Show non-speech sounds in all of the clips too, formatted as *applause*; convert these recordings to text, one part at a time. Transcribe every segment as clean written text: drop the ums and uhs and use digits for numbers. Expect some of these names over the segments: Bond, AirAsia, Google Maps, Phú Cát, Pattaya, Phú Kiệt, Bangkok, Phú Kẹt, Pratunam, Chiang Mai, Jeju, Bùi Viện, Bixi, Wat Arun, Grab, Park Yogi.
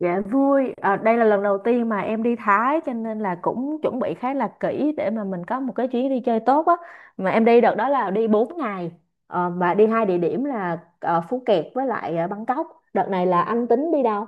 Dạ vui, à, đây là lần đầu tiên mà em đi Thái cho nên là cũng chuẩn bị khá là kỹ để mà mình có một cái chuyến đi chơi tốt á. Mà em đi đợt đó là đi 4 ngày. Và đi hai địa điểm là Phú Kẹt với lại Bangkok. Đợt này là anh tính đi đâu?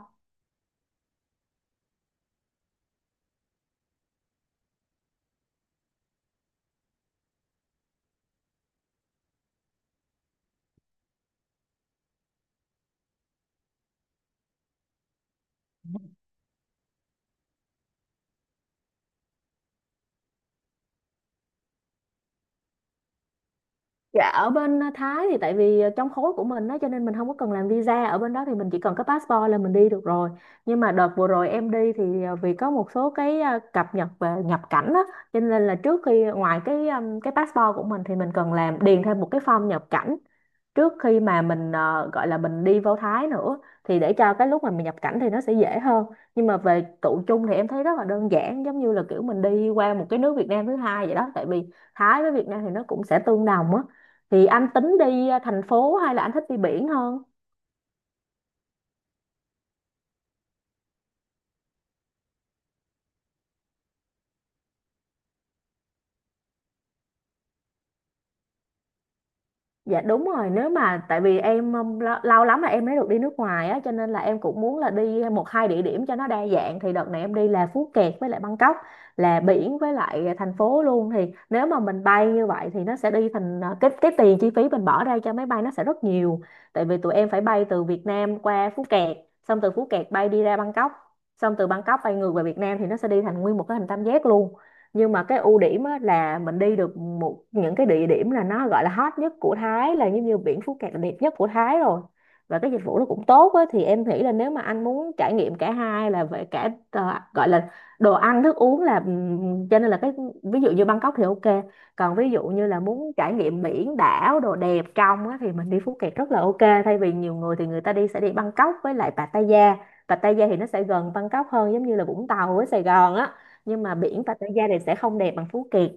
Dạ ở bên Thái thì tại vì trong khối của mình đó, cho nên mình không có cần làm visa ở bên đó, thì mình chỉ cần có passport là mình đi được rồi, nhưng mà đợt vừa rồi em đi thì vì có một số cái cập nhật về nhập cảnh đó, cho nên là trước khi ngoài cái passport của mình thì mình cần làm điền thêm một cái form nhập cảnh trước khi mà mình gọi là mình đi vào Thái nữa, thì để cho cái lúc mà mình nhập cảnh thì nó sẽ dễ hơn. Nhưng mà về tụ chung thì em thấy rất là đơn giản, giống như là kiểu mình đi qua một cái nước Việt Nam thứ hai vậy đó, tại vì Thái với Việt Nam thì nó cũng sẽ tương đồng á. Thì anh tính đi thành phố hay là anh thích đi biển hơn? Dạ đúng rồi, nếu mà tại vì em lâu lắm là em mới được đi nước ngoài á, cho nên là em cũng muốn là đi một hai địa điểm cho nó đa dạng. Thì đợt này em đi là Phú Kẹt với lại Bangkok, là biển với lại thành phố luôn, thì nếu mà mình bay như vậy thì nó sẽ đi thành cái tiền chi phí mình bỏ ra cho máy bay nó sẽ rất nhiều, tại vì tụi em phải bay từ Việt Nam qua Phú Kẹt, xong từ Phú Kẹt bay đi ra Bangkok, xong từ Bangkok bay ngược về Việt Nam, thì nó sẽ đi thành nguyên một cái hình tam giác luôn. Nhưng mà cái ưu điểm á, là mình đi được một những cái địa điểm là nó gọi là hot nhất của Thái, là giống như biển Phú Cát là đẹp nhất của Thái rồi, và cái dịch vụ nó cũng tốt á. Thì em nghĩ là nếu mà anh muốn trải nghiệm cả hai là về cả gọi là đồ ăn thức uống là cho nên là cái ví dụ như Bangkok thì ok, còn ví dụ như là muốn trải nghiệm biển đảo đồ đẹp trong á, thì mình đi Phú Cát rất là ok. Thay vì nhiều người thì người ta đi sẽ đi Bangkok với lại Pattaya. Pattaya thì nó sẽ gần Bangkok hơn, giống như là Vũng Tàu với Sài Gòn á, nhưng mà biển Pattaya thì sẽ không đẹp bằng Phú Kiệt.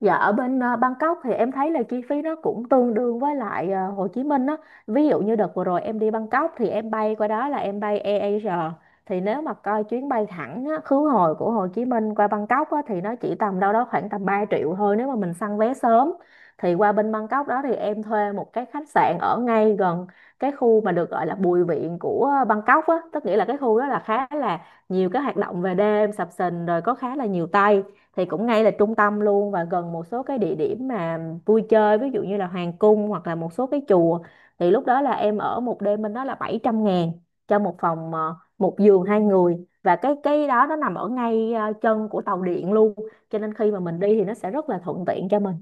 Dạ ở bên Bangkok thì em thấy là chi phí nó cũng tương đương với lại Hồ Chí Minh á. Ví dụ như đợt vừa rồi em đi Bangkok thì em bay qua đó là em bay AirAsia, thì nếu mà coi chuyến bay thẳng á, khứ hồi của Hồ Chí Minh qua Bangkok á, thì nó chỉ tầm đâu đó khoảng tầm 3 triệu thôi nếu mà mình săn vé sớm. Thì qua bên Bangkok đó thì em thuê một cái khách sạn ở ngay gần cái khu mà được gọi là Bùi Viện của Bangkok á, tức nghĩa là cái khu đó là khá là nhiều cái hoạt động về đêm sập sình, rồi có khá là nhiều Tây, thì cũng ngay là trung tâm luôn và gần một số cái địa điểm mà vui chơi, ví dụ như là hoàng cung hoặc là một số cái chùa. Thì lúc đó là em ở một đêm bên đó là 700.000 cho một phòng một giường hai người, và cái đó nó nằm ở ngay chân của tàu điện luôn, cho nên khi mà mình đi thì nó sẽ rất là thuận tiện cho mình,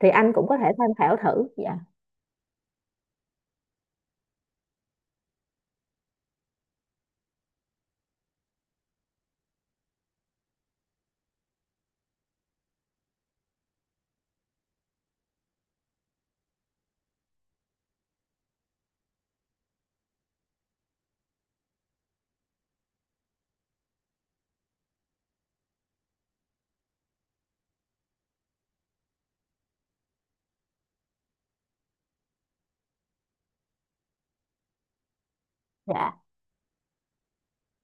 thì anh cũng có thể tham khảo thử. Dạ dạ.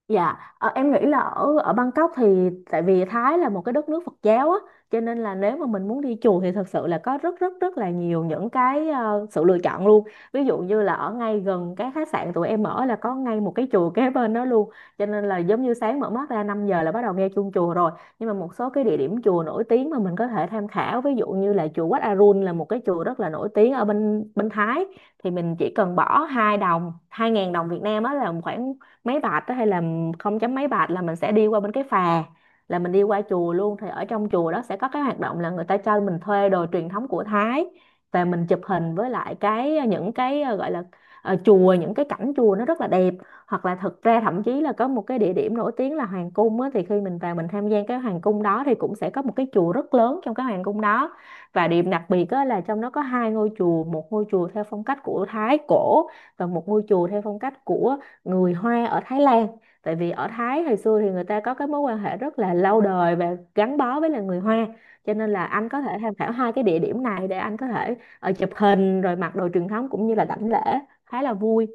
Dạ, em nghĩ là ở ở Bangkok thì tại vì Thái là một cái đất nước Phật giáo á, cho nên là nếu mà mình muốn đi chùa thì thật sự là có rất rất rất là nhiều những cái sự lựa chọn luôn. Ví dụ như là ở ngay gần cái khách sạn tụi em ở là có ngay một cái chùa kế bên đó luôn. Cho nên là giống như sáng mở mắt ra 5 giờ là bắt đầu nghe chuông chùa rồi. Nhưng mà một số cái địa điểm chùa nổi tiếng mà mình có thể tham khảo, ví dụ như là chùa Wat Arun là một cái chùa rất là nổi tiếng ở bên bên Thái, thì mình chỉ cần bỏ hai đồng, 2.000 đồng Việt Nam á là khoảng mấy bạt á, hay là không chấm mấy bạt là mình sẽ đi qua bên cái phà, là mình đi qua chùa luôn. Thì ở trong chùa đó sẽ có cái hoạt động là người ta cho mình thuê đồ truyền thống của Thái và mình chụp hình với lại cái những cái gọi là chùa, những cái cảnh chùa nó rất là đẹp. Hoặc là thực ra thậm chí là có một cái địa điểm nổi tiếng là hoàng cung á, thì khi mình vào mình tham gia cái hoàng cung đó thì cũng sẽ có một cái chùa rất lớn trong cái hoàng cung đó, và điểm đặc biệt á, là trong đó có hai ngôi chùa, một ngôi chùa theo phong cách của Thái cổ và một ngôi chùa theo phong cách của người Hoa ở Thái Lan, tại vì ở Thái hồi xưa thì người ta có cái mối quan hệ rất là lâu đời và gắn bó với là người Hoa. Cho nên là anh có thể tham khảo hai cái địa điểm này để anh có thể chụp hình rồi mặc đồ truyền thống cũng như là đảnh lễ, khá là vui.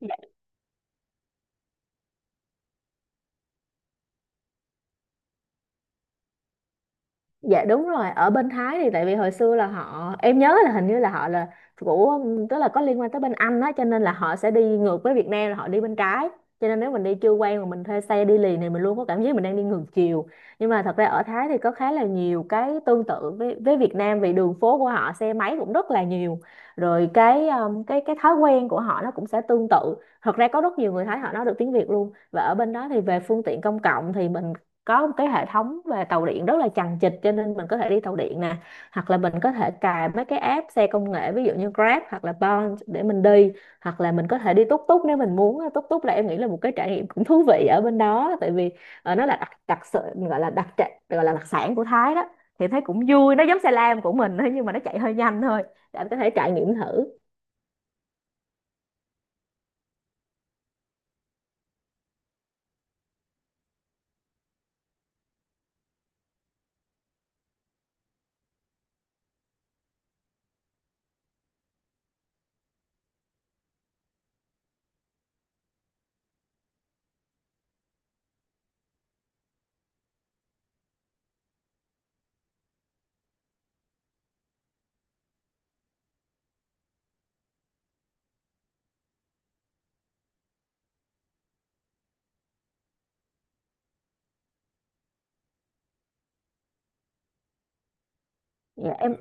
Ừ. Dạ đúng rồi, ở bên Thái thì tại vì hồi xưa là họ em nhớ là hình như là họ là của, tức là có liên quan tới bên Anh đó, cho nên là họ sẽ đi ngược với Việt Nam là họ đi bên trái. Cho nên nếu mình đi chưa quen mà mình thuê xe đi liền thì mình luôn có cảm giác mình đang đi ngược chiều. Nhưng mà thật ra ở Thái thì có khá là nhiều cái tương tự với Việt Nam, vì đường phố của họ xe máy cũng rất là nhiều. Rồi cái cái thói quen của họ nó cũng sẽ tương tự. Thật ra có rất nhiều người Thái họ nói được tiếng Việt luôn. Và ở bên đó thì về phương tiện công cộng thì mình có một cái hệ thống về tàu điện rất là chằng chịt, cho nên mình có thể đi tàu điện nè, hoặc là mình có thể cài mấy cái app xe công nghệ ví dụ như Grab hoặc là Bond để mình đi, hoặc là mình có thể đi túc túc nếu mình muốn. Túc túc là em nghĩ là một cái trải nghiệm cũng thú vị ở bên đó, tại vì nó là đặc đặc sự gọi là đặc trệ- gọi là đặc sản của Thái đó, thì thấy cũng vui, nó giống xe lam của mình thôi nhưng mà nó chạy hơi nhanh thôi, để em có thể trải nghiệm thử. Dạ, em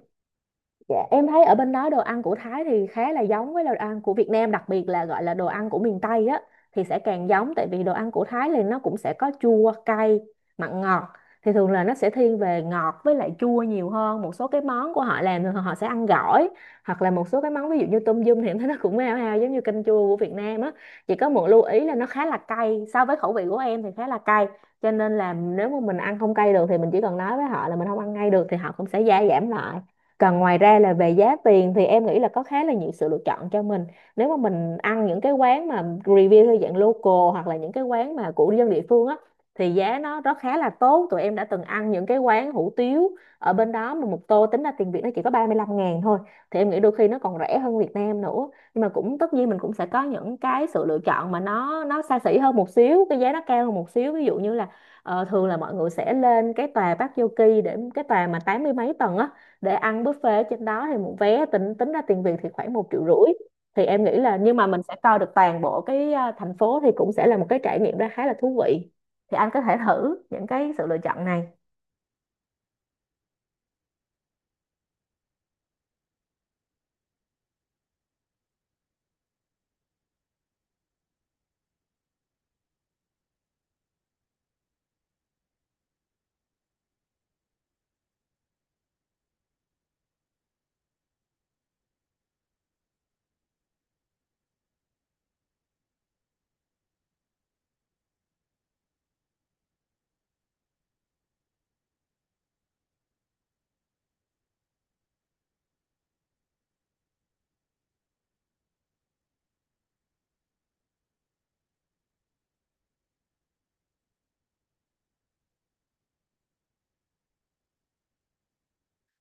Dạ, em thấy ở bên đó đồ ăn của Thái thì khá là giống với đồ ăn của Việt Nam, đặc biệt là gọi là đồ ăn của miền Tây á thì sẽ càng giống, tại vì đồ ăn của Thái thì nó cũng sẽ có chua, cay, mặn ngọt. Thì thường là nó sẽ thiên về ngọt với lại chua nhiều hơn. Một số cái món của họ làm thì họ sẽ ăn gỏi, hoặc là một số cái món ví dụ như tôm yum thì em thấy nó cũng hao hao giống như canh chua của Việt Nam á. Chỉ có một lưu ý là nó khá là cay, so với khẩu vị của em thì khá là cay. Cho nên là nếu mà mình ăn không cay được thì mình chỉ cần nói với họ là mình không ăn ngay được thì họ cũng sẽ gia giảm lại. Còn ngoài ra là về giá tiền thì em nghĩ là có khá là nhiều sự lựa chọn cho mình. Nếu mà mình ăn những cái quán mà review theo dạng local hoặc là những cái quán mà của dân địa phương á thì giá nó rất khá là tốt. Tụi em đã từng ăn những cái quán hủ tiếu ở bên đó mà một tô tính ra tiền Việt nó chỉ có 35.000 thôi. Thì em nghĩ đôi khi nó còn rẻ hơn Việt Nam nữa. Nhưng mà cũng tất nhiên mình cũng sẽ có những cái sự lựa chọn mà nó xa xỉ hơn một xíu, cái giá nó cao hơn một xíu. Ví dụ như là thường là mọi người sẽ lên cái tòa Park Yogi, để cái tòa mà tám mươi mấy tầng á để ăn buffet ở trên đó, thì một vé tính tính ra tiền Việt thì khoảng 1.500.000, thì em nghĩ là, nhưng mà mình sẽ coi được toàn bộ cái thành phố, thì cũng sẽ là một cái trải nghiệm ra khá là thú vị, thì anh có thể thử những cái sự lựa chọn này.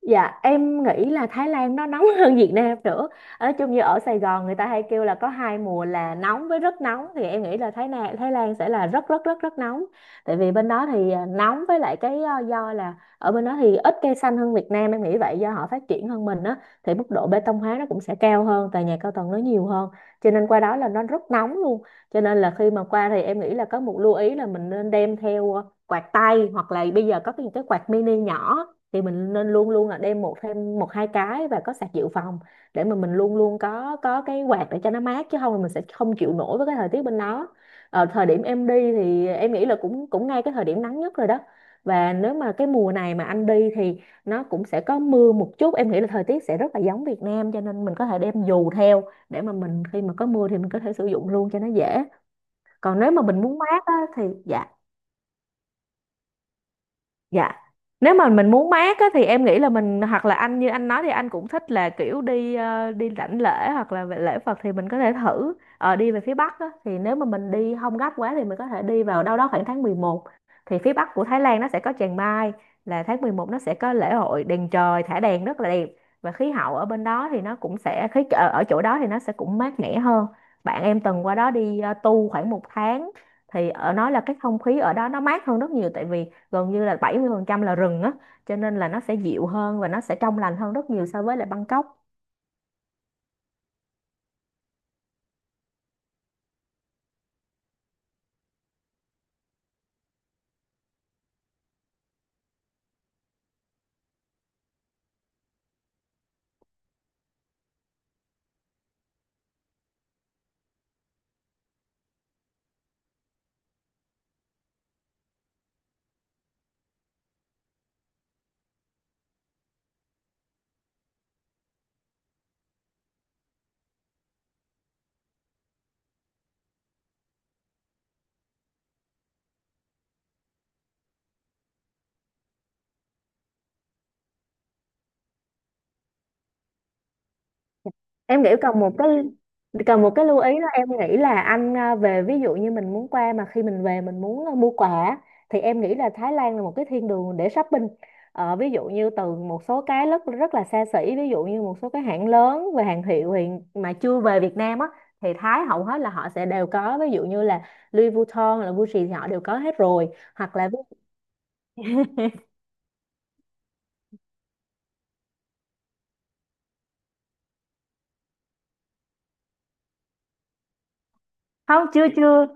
Dạ em nghĩ là Thái Lan nó nóng *laughs* hơn Việt Nam nữa. Nói chung như ở Sài Gòn người ta hay kêu là có hai mùa, là nóng với rất nóng. Thì em nghĩ là Thái Lan, Thái Lan sẽ là rất rất rất rất nóng. Tại vì bên đó thì nóng, với lại cái do là ở bên đó thì ít cây xanh hơn Việt Nam. Em nghĩ vậy do họ phát triển hơn mình á. Thì mức độ bê tông hóa nó cũng sẽ cao hơn, tòa nhà cao tầng nó nhiều hơn. Cho nên qua đó là nó rất nóng luôn. Cho nên là khi mà qua thì em nghĩ là có một lưu ý là mình nên đem theo quạt tay. Hoặc là bây giờ có cái quạt mini nhỏ, thì mình nên luôn luôn là đem một thêm một hai cái và có sạc dự phòng, để mà mình luôn luôn có cái quạt để cho nó mát, chứ không thì mình sẽ không chịu nổi với cái thời tiết bên đó. Thời điểm em đi thì em nghĩ là cũng cũng ngay cái thời điểm nắng nhất rồi đó. Và nếu mà cái mùa này mà anh đi thì nó cũng sẽ có mưa một chút, em nghĩ là thời tiết sẽ rất là giống Việt Nam, cho nên mình có thể đem dù theo, để mà mình khi mà có mưa thì mình có thể sử dụng luôn cho nó dễ. Còn nếu mà mình muốn mát á, thì dạ. Dạ. Nếu mà mình muốn mát á, thì em nghĩ là mình, hoặc là anh như anh nói thì anh cũng thích là kiểu đi, đi rảnh lễ hoặc là về lễ Phật, thì mình có thể thử đi về phía Bắc á, thì nếu mà mình đi không gấp quá thì mình có thể đi vào đâu đó khoảng tháng 11. Thì phía Bắc của Thái Lan nó sẽ có Chiang Mai, là tháng 11 nó sẽ có lễ hội đèn trời, thả đèn rất là đẹp. Và khí hậu ở bên đó thì nó cũng sẽ, khí ở ở chỗ đó thì nó sẽ cũng mát mẻ hơn. Bạn em từng qua đó đi tu khoảng một tháng, thì ở nói là cái không khí ở đó nó mát hơn rất nhiều, tại vì gần như là 70% là rừng á, cho nên là nó sẽ dịu hơn và nó sẽ trong lành hơn rất nhiều so với lại Bangkok. Em nghĩ cần một cái lưu ý đó, em nghĩ là anh về, ví dụ như mình muốn qua mà khi mình về mình muốn mua quà á, thì em nghĩ là Thái Lan là một cái thiên đường để shopping. Ờ, ví dụ như từ một số cái rất rất là xa xỉ, ví dụ như một số cái hãng lớn và hàng hiệu hiện mà chưa về Việt Nam á, thì Thái hầu hết là họ sẽ đều có. Ví dụ như là Louis Vuitton là Gucci thì họ đều có hết rồi. Hoặc là, không, chưa chưa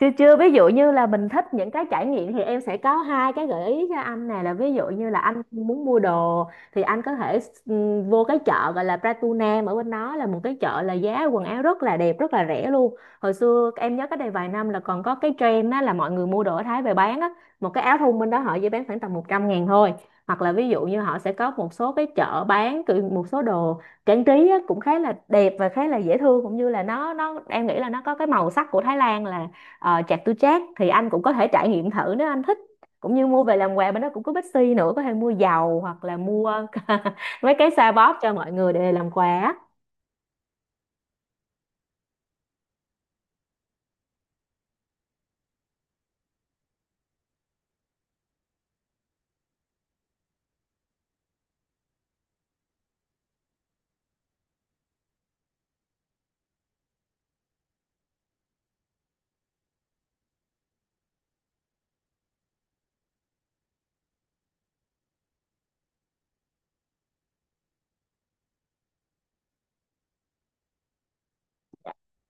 chưa chưa, ví dụ như là mình thích những cái trải nghiệm thì em sẽ có hai cái gợi ý cho anh này, là ví dụ như là anh muốn mua đồ thì anh có thể, ừ, vô cái chợ gọi là Pratunam, ở bên đó là một cái chợ là giá quần áo rất là đẹp rất là rẻ luôn. Hồi xưa em nhớ cách đây vài năm là còn có cái trend đó, là mọi người mua đồ ở Thái về bán á, một cái áo thun bên đó họ chỉ bán khoảng tầm 100.000 thôi. Hoặc là ví dụ như họ sẽ có một số cái chợ bán kiểu một số đồ trang trí á, cũng khá là đẹp và khá là dễ thương, cũng như là nó em nghĩ là nó có cái màu sắc của Thái Lan là, chạc tư trác, thì anh cũng có thể trải nghiệm thử nếu anh thích, cũng như mua về làm quà. Bên đó cũng có Bixi nữa, có thể mua dầu hoặc là mua *laughs* mấy cái xoa bóp cho mọi người để làm quà á.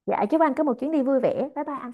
Dạ chúc anh có một chuyến đi vui vẻ, bye bye anh.